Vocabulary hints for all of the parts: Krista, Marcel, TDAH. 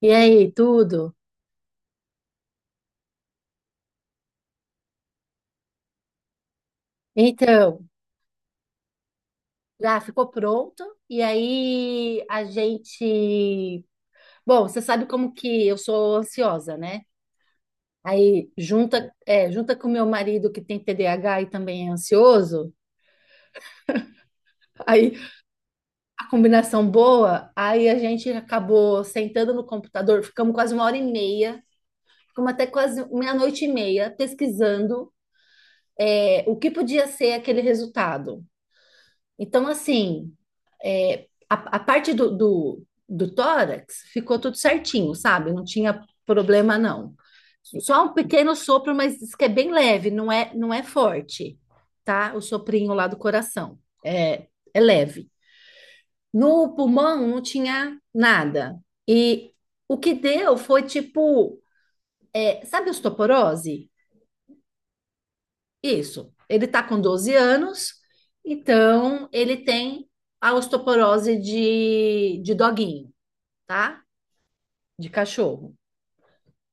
E aí, tudo? Então, já ficou pronto. E aí a gente. Bom, você sabe como que eu sou ansiosa, né? Aí junta com meu marido que tem TDAH e também é ansioso. Aí a combinação boa. Aí a gente acabou sentando no computador, ficamos quase uma hora e meia, ficamos até quase meia-noite e meia pesquisando, o que podia ser aquele resultado. Então, assim. A parte do tórax ficou tudo certinho, sabe? Não tinha problema, não. Só um pequeno sopro, mas diz que é bem leve, não é forte, tá? O soprinho lá do coração. É, é leve. No pulmão não tinha nada. E o que deu foi tipo, sabe osteoporose? Isso. Ele tá com 12 anos, então ele tem a osteoporose de doguinho, tá? De cachorro.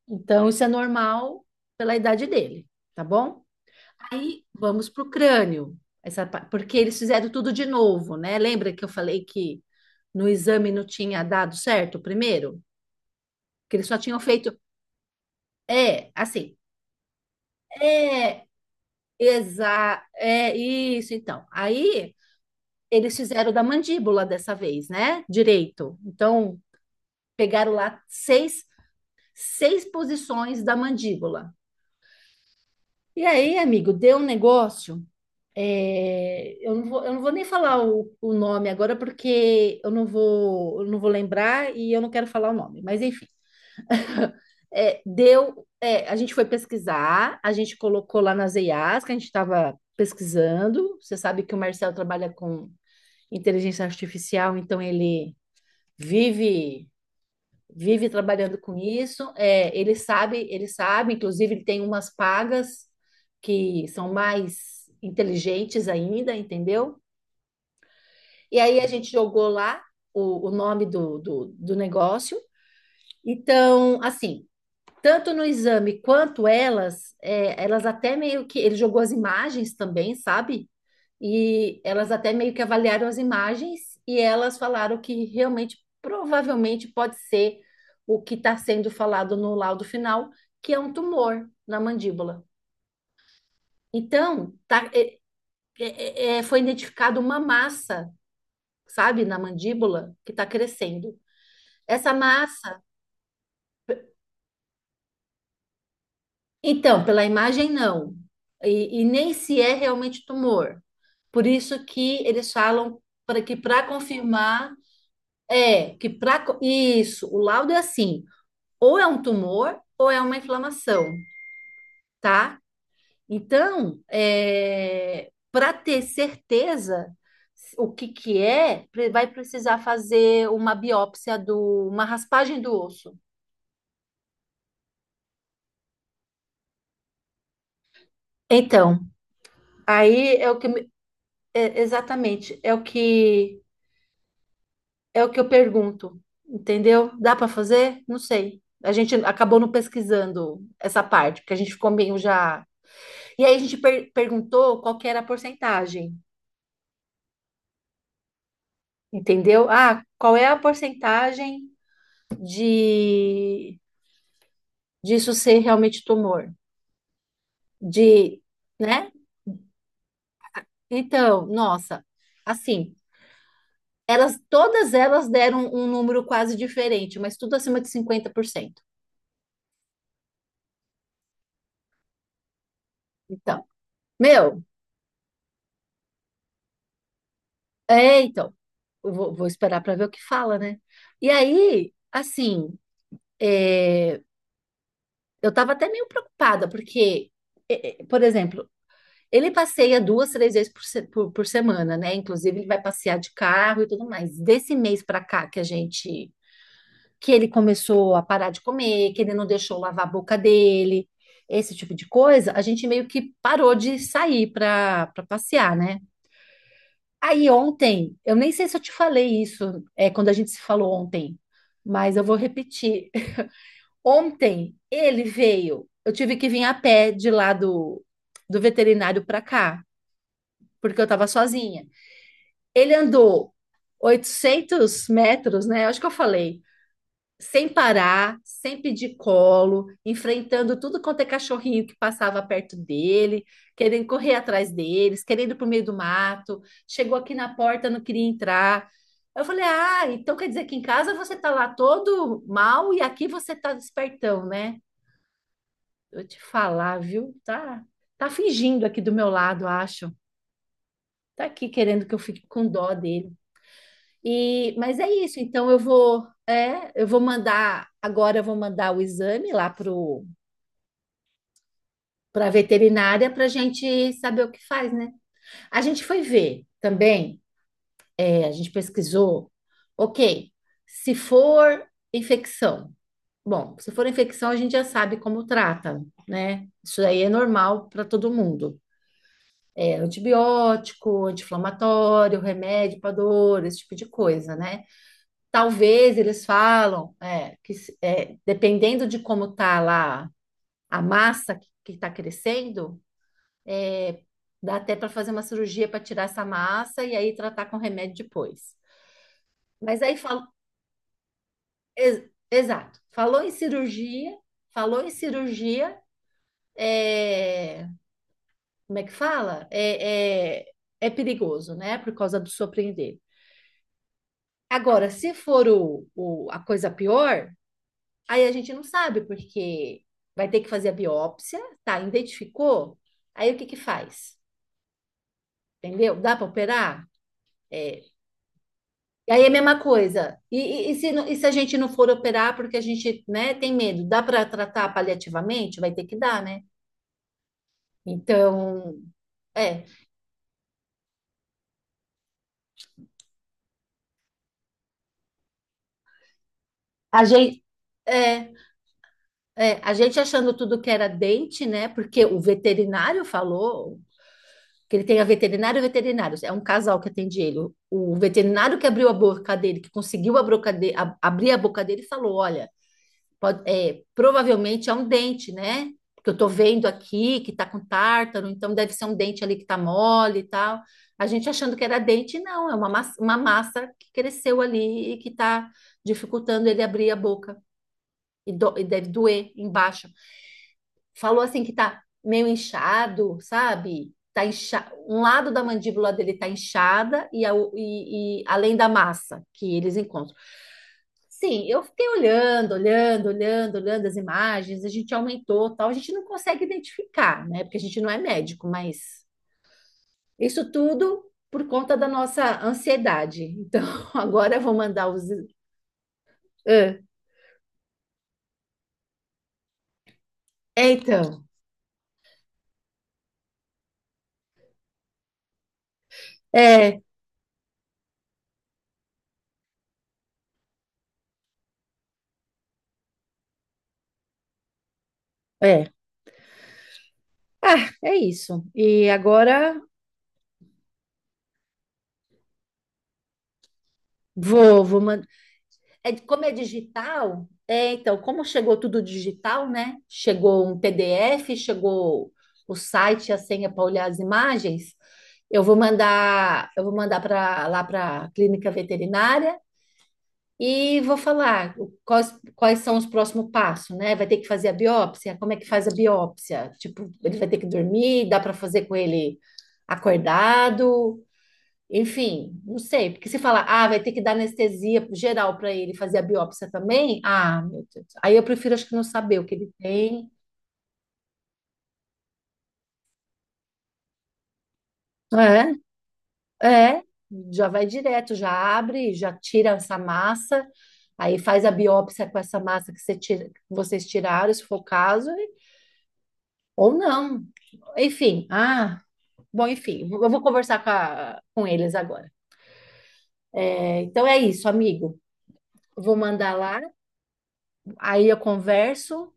Então, isso é normal pela idade dele, tá bom? Aí vamos para o crânio, porque eles fizeram tudo de novo, né? Lembra que eu falei que no exame não tinha dado certo o primeiro? Que eles só tinham feito. É, assim. É, é isso, então. Aí eles fizeram da mandíbula dessa vez, né? Direito. Então, pegaram lá seis posições da mandíbula. E aí, amigo, deu um negócio. Eu não vou nem falar o nome agora porque eu não vou lembrar e eu não quero falar o nome, mas enfim. A gente foi pesquisar, a gente colocou lá nas EIAs que a gente estava pesquisando. Você sabe que o Marcel trabalha com inteligência artificial, então ele vive vive trabalhando com isso. Ele sabe, inclusive ele tem umas pagas que são mais inteligentes ainda, entendeu? E aí a gente jogou lá o nome do negócio. Então, assim, tanto no exame quanto elas até meio que. Ele jogou as imagens também, sabe? E elas até meio que avaliaram as imagens e elas falaram que realmente, provavelmente, pode ser o que está sendo falado no laudo final, que é um tumor na mandíbula. Então, tá, foi identificado uma massa, sabe, na mandíbula que está crescendo. Essa massa. Então, pela imagem, não. E nem se é realmente tumor. Por isso que eles falam para que para confirmar é que para isso, o laudo é assim, ou é um tumor ou é uma inflamação, tá? Então, para ter certeza o que que é, vai precisar fazer uma biópsia uma raspagem do osso. Então, aí é, exatamente, é o que eu pergunto, entendeu? Dá para fazer? Não sei. A gente acabou não pesquisando essa parte, porque a gente ficou meio já. E aí a gente perguntou qual que era a porcentagem, entendeu? Ah, qual é a porcentagem de disso ser realmente tumor? De, né? Então, nossa, assim, elas todas elas deram um número quase diferente, mas tudo acima de 50%. Então, meu, então, eu vou esperar para ver o que fala, né? E aí, assim, é, eu tava até meio preocupada, porque, por exemplo, ele passeia duas, três vezes por, se- por semana, né? Inclusive, ele vai passear de carro e tudo mais. Desse mês para cá que que ele começou a parar de comer, que ele não deixou lavar a boca dele, esse tipo de coisa, a gente meio que parou de sair para passear, né? Aí ontem, eu nem sei se eu te falei isso, quando a gente se falou ontem, mas eu vou repetir. Ontem ele veio, eu tive que vir a pé de lá do veterinário para cá, porque eu estava sozinha. Ele andou 800 metros, né? Acho que eu falei sem parar, sempre de colo, enfrentando tudo quanto é cachorrinho que passava perto dele, querendo correr atrás deles, querendo ir para o meio do mato. Chegou aqui na porta, não queria entrar. Eu falei: Ah, então quer dizer que em casa você tá lá todo mal e aqui você tá despertão, né? Eu te falar, viu? Tá, tá fingindo aqui do meu lado, acho. Tá aqui querendo que eu fique com dó dele. Mas é isso, então eu vou, é, eu vou mandar, agora eu vou mandar o exame lá pro para a veterinária para a gente saber o que faz, né? A gente foi ver também, a gente pesquisou, ok, se for infecção, bom, se for infecção a gente já sabe como trata, né? Isso aí é normal para todo mundo. É antibiótico, anti-inflamatório, remédio para dor, esse tipo de coisa, né? Talvez eles falam é, que se- é, dependendo de como tá lá a massa que está crescendo, é, dá até para fazer uma cirurgia para tirar essa massa e aí tratar com remédio depois. Mas aí falo, exato, falou em cirurgia, é, como é que fala? É perigoso, né? Por causa do surpreender. Agora, se for a coisa pior. Aí a gente não sabe, porque vai ter que fazer a biópsia, tá? Identificou? Aí o que que faz? Entendeu? Dá para operar? É. E aí é a mesma coisa. E se a gente não for operar porque a gente, né, tem medo, dá para tratar paliativamente? Vai ter que dar, né? Então, é. A gente, é, a gente achando tudo que era dente, né? Porque o veterinário falou, que ele tenha veterinário e veterinários. É um casal que atende ele. O veterinário que abriu a boca dele, que conseguiu a boca abrir a boca dele, falou: Olha, provavelmente é um dente, né? Porque eu tô vendo aqui que tá com tártaro, então deve ser um dente ali que tá mole e tal. A gente achando que era dente, não, é uma massa que cresceu ali e que tá dificultando ele abrir a boca. E deve doer embaixo. Falou assim que tá meio inchado, sabe? Um lado da mandíbula dele tá inchada e além da massa que eles encontram. Sim, eu fiquei olhando, olhando, olhando, olhando as imagens, a gente aumentou, tal, a gente não consegue identificar, né? Porque a gente não é médico, mas isso tudo por conta da nossa ansiedade. Então, agora eu vou mandar os. Ah, então, é, é. Ah, é isso. E agora vou, vou, man- É, como é digital, então, como chegou tudo digital, né? Chegou um PDF, chegou o site, a senha para olhar as imagens. Eu vou mandar para lá para a clínica veterinária e vou falar quais são os próximos passos, né? Vai ter que fazer a biópsia? Como é que faz a biópsia? Tipo, ele vai ter que dormir, dá para fazer com ele acordado? Enfim, não sei, porque se falar, ah, vai ter que dar anestesia geral para ele fazer a biópsia também, ah, meu Deus. Aí eu prefiro, acho que não saber o que ele tem. É, é, já vai direto, já abre, já tira essa massa, aí faz a biópsia com essa massa que você que vocês tiraram, se for o caso, ou não. Enfim, ah, bom, enfim, eu vou conversar com eles agora. Então é isso, amigo. Vou mandar lá, aí eu converso.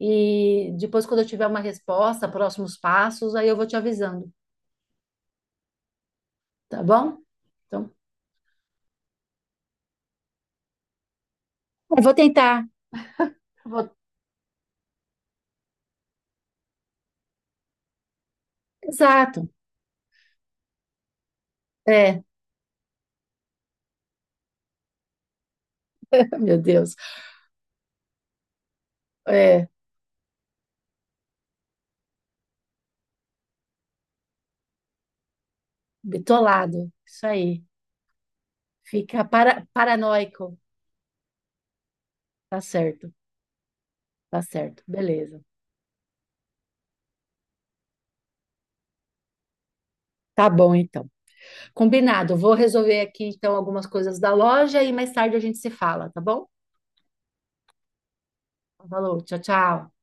E depois, quando eu tiver uma resposta, próximos passos, aí eu vou te avisando, tá bom? Então, eu vou tentar. vou... exato. É, meu Deus. É, bitolado. Isso aí. Fica paranoico. Tá certo, tá certo. Beleza. Tá bom, então. Combinado. Vou resolver aqui, então, algumas coisas da loja e mais tarde a gente se fala, tá bom? Falou, tchau, tchau.